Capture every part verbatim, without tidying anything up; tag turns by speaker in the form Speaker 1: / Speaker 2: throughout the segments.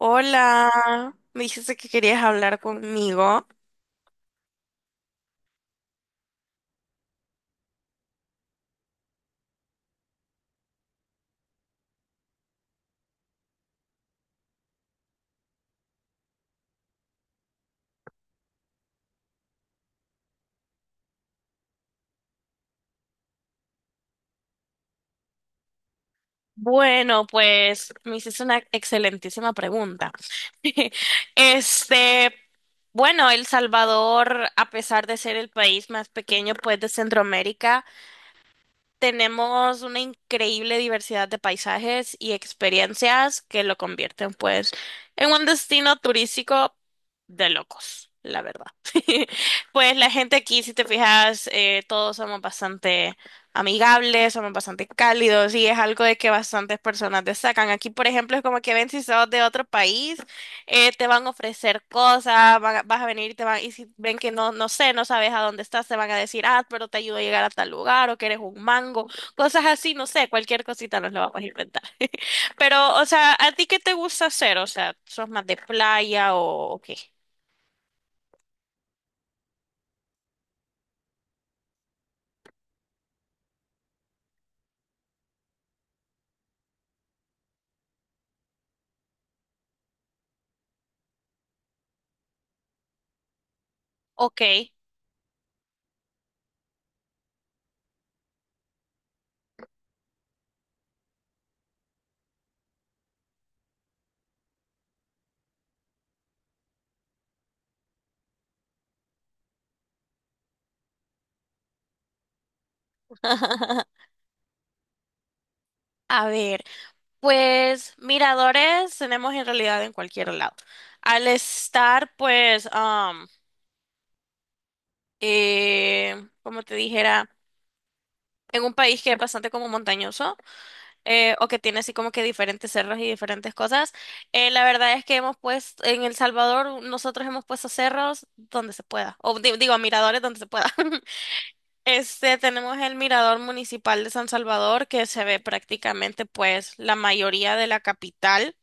Speaker 1: Hola, me dijiste que querías hablar conmigo. Bueno, pues me hiciste una excelentísima pregunta. Este, bueno, El Salvador, a pesar de ser el país más pequeño, pues, de Centroamérica, tenemos una increíble diversidad de paisajes y experiencias que lo convierten, pues, en un destino turístico de locos, la verdad. Pues la gente aquí, si te fijas, eh, todos somos bastante amigables, somos bastante cálidos y es algo de que bastantes personas destacan. Aquí, por ejemplo, es como que ven si sos de otro país eh, te van a ofrecer cosas, van a- vas a venir y te van, y si ven que no, no sé, no sabes a dónde estás, te van a decir, ah, pero te ayudo a llegar a tal lugar o que eres un mango, cosas así, no sé, cualquier cosita nos la vamos a inventar. Pero, o sea, ¿a ti qué te gusta hacer? O sea, ¿sos más de playa o o qué? Ok. A ver, pues miradores tenemos en realidad en cualquier lado. Al estar, pues, am, eh, como te dijera, en un país que es bastante como montañoso, eh, o que tiene así como que diferentes cerros y diferentes cosas. Eh, la verdad es que hemos puesto, en El Salvador, nosotros hemos puesto cerros donde se pueda, o di- digo, miradores donde se pueda. Este, tenemos el Mirador Municipal de San Salvador, que se ve prácticamente pues la mayoría de la capital.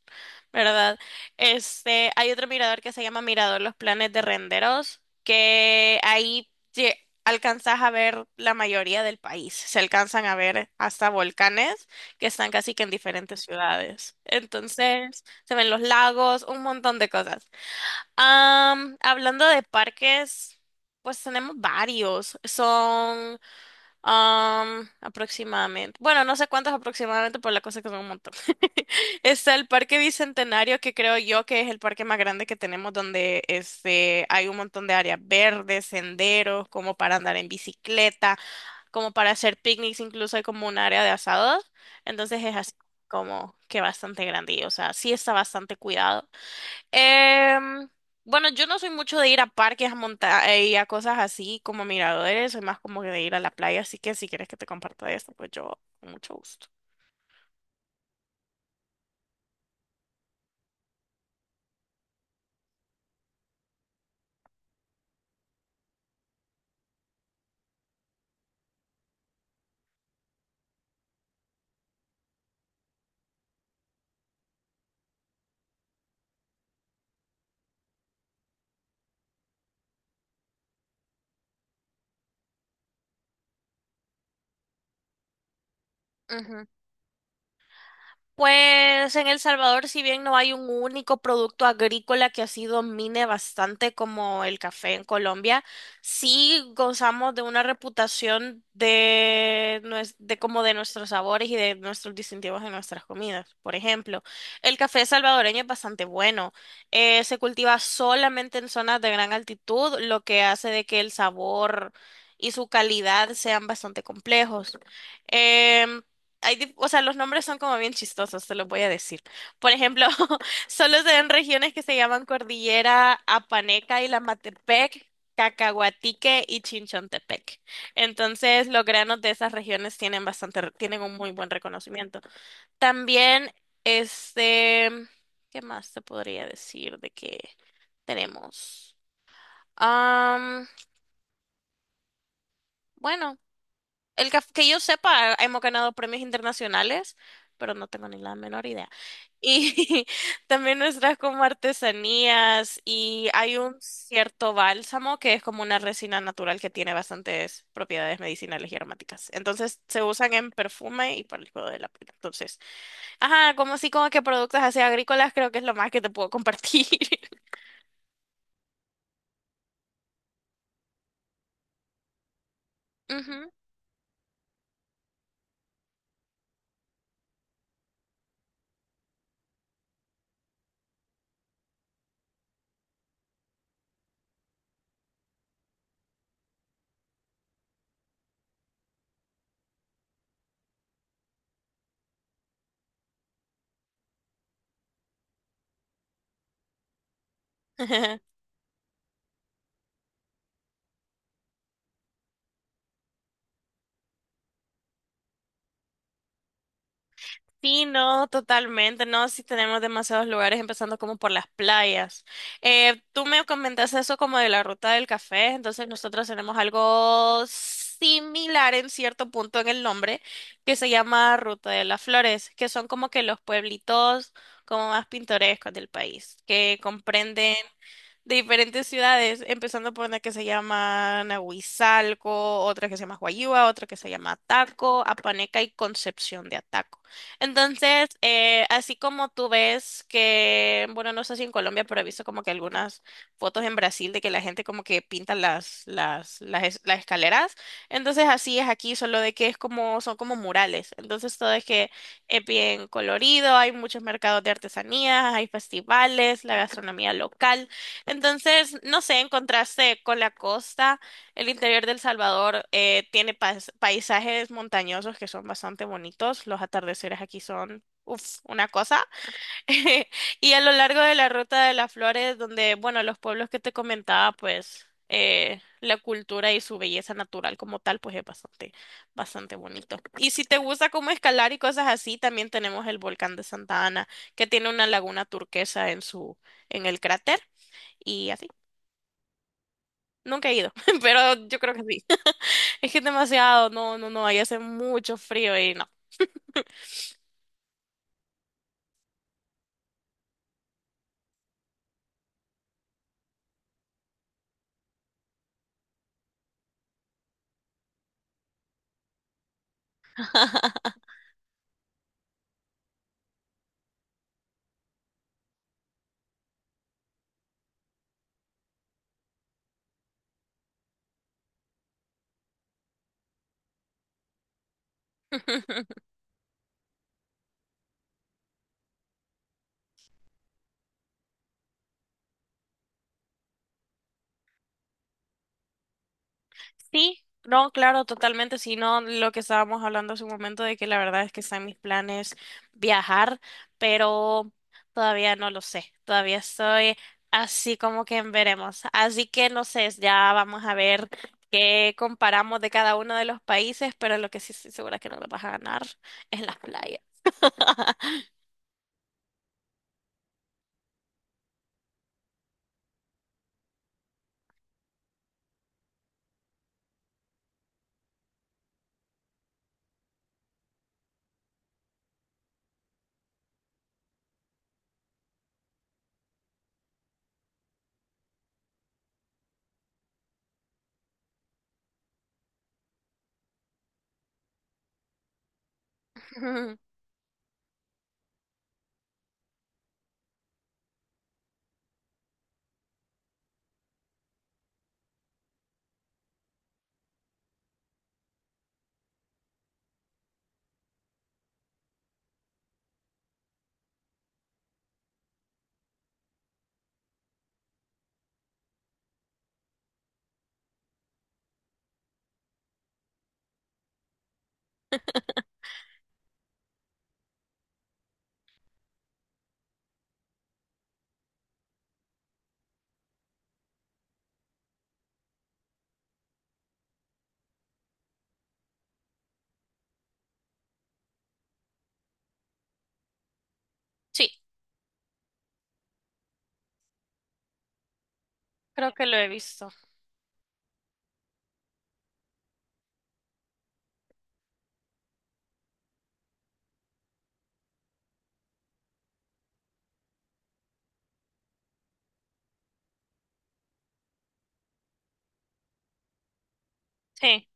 Speaker 1: ¿Verdad? Este, hay otro mirador que se llama Mirador Los Planes de Renderos, que ahí lle- alcanzas a ver la mayoría del país. Se alcanzan a ver hasta volcanes que están casi que en diferentes ciudades. Entonces, se ven los lagos, un montón de cosas. Am, hablando de parques, pues tenemos varios. Son Am, aproximadamente. Bueno, no sé cuántos aproximadamente, pero la cosa es que son un montón. Está el Parque Bicentenario, que creo yo que es el parque más grande que tenemos, donde este, hay un montón de áreas verdes, senderos, como para andar en bicicleta, como para hacer picnics, incluso hay como un área de asados. Entonces es así como que bastante grande, y, o sea, sí está bastante cuidado. Em, bueno, yo no soy mucho de ir a parques, a montar y a cosas así como miradores, soy más como que de ir a la playa, así que si quieres que te comparta esto, pues yo con mucho gusto. Pues en El Salvador, si bien no hay un único producto agrícola que así domine bastante como el café en Colombia, sí gozamos de una reputación de, nues- de como de nuestros sabores y de nuestros distintivos en nuestras comidas. Por ejemplo, el café salvadoreño es bastante bueno. Eh, se cultiva solamente en zonas de gran altitud, lo que hace de que el sabor y su calidad sean bastante complejos. Em, hay, dif- o sea, los nombres son como bien chistosos, te los voy a decir. Por ejemplo, solo se ven regiones que se llaman Cordillera Apaneca y Lamatepec, Cacahuatique y Chinchontepec. Entonces, los granos de esas regiones tienen bastante, re- tienen un muy buen reconocimiento. También, este, ¿qué más te podría decir de que tenemos? Am, bueno. El que, que yo sepa, hemos ganado premios internacionales, pero no tengo ni la menor idea. Y también nuestras como artesanías y hay un cierto bálsamo que es como una resina natural que tiene bastantes propiedades medicinales y aromáticas. Entonces se usan en perfume y para el cuidado de la piel. Entonces, ajá, como así como que productos así agrícolas creo que es lo más que te puedo compartir. Ujú. Sí, no, totalmente, no, sí tenemos demasiados lugares, empezando como por las playas. Eh, tú me comentaste eso como de la ruta del café, entonces nosotros tenemos algo similar en cierto punto en el nombre, que se llama Ruta de las Flores, que son como que los pueblitos como más pintorescos del país, que comprenden de diferentes ciudades, empezando por una que se llama Nahuizalco, otra que se llama Huayúa, otra que se llama Ataco, Apaneca y Concepción de Ataco. Entonces, eh, así como tú ves que, bueno, no sé si en Colombia, pero he visto como que algunas fotos en Brasil de que la gente como que pinta las, las, las, es- las escaleras. Entonces, así es aquí, solo de que es como, son como murales. Entonces, todo es que es bien colorido, hay muchos mercados de artesanías, hay festivales, la gastronomía local. Entonces, no sé, en contraste con la costa, el interior del Salvador eh, tiene pais- paisajes montañosos que son bastante bonitos. Los atardeceres aquí son, uff, una cosa. Y a lo largo de la Ruta de las Flores, donde, bueno, los pueblos que te comentaba, pues eh, la cultura y su belleza natural como tal, pues es bastante, bastante bonito. Y si te gusta como escalar y cosas así, también tenemos el volcán de Santa Ana, que tiene una laguna turquesa en su, en el cráter y así. Nunca he ido, pero yo creo que sí. Es que es demasiado, no, no, no, ahí hace mucho frío y no. Sí, no, claro, totalmente, si no lo que estábamos hablando hace un momento de que la verdad es que están mis planes viajar, pero todavía no lo sé, todavía estoy así como que en veremos. Así que no sé, ya vamos a ver qué comparamos de cada uno de los países, pero lo que sí estoy segura que no lo vas a ganar es las playas. Sí, creo que lo he visto. Sí.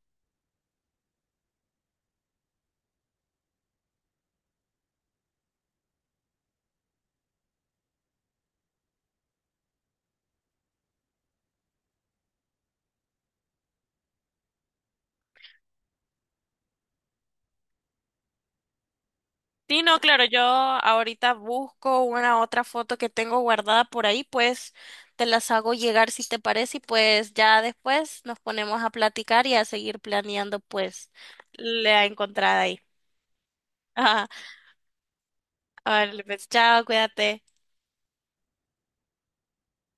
Speaker 1: Sí, no, claro, yo ahorita busco una otra foto que tengo guardada por ahí, pues te las hago llegar si te parece y pues ya después nos ponemos a platicar y a seguir planeando pues la encontrada ahí. Ajá. Vale, pues chao, cuídate.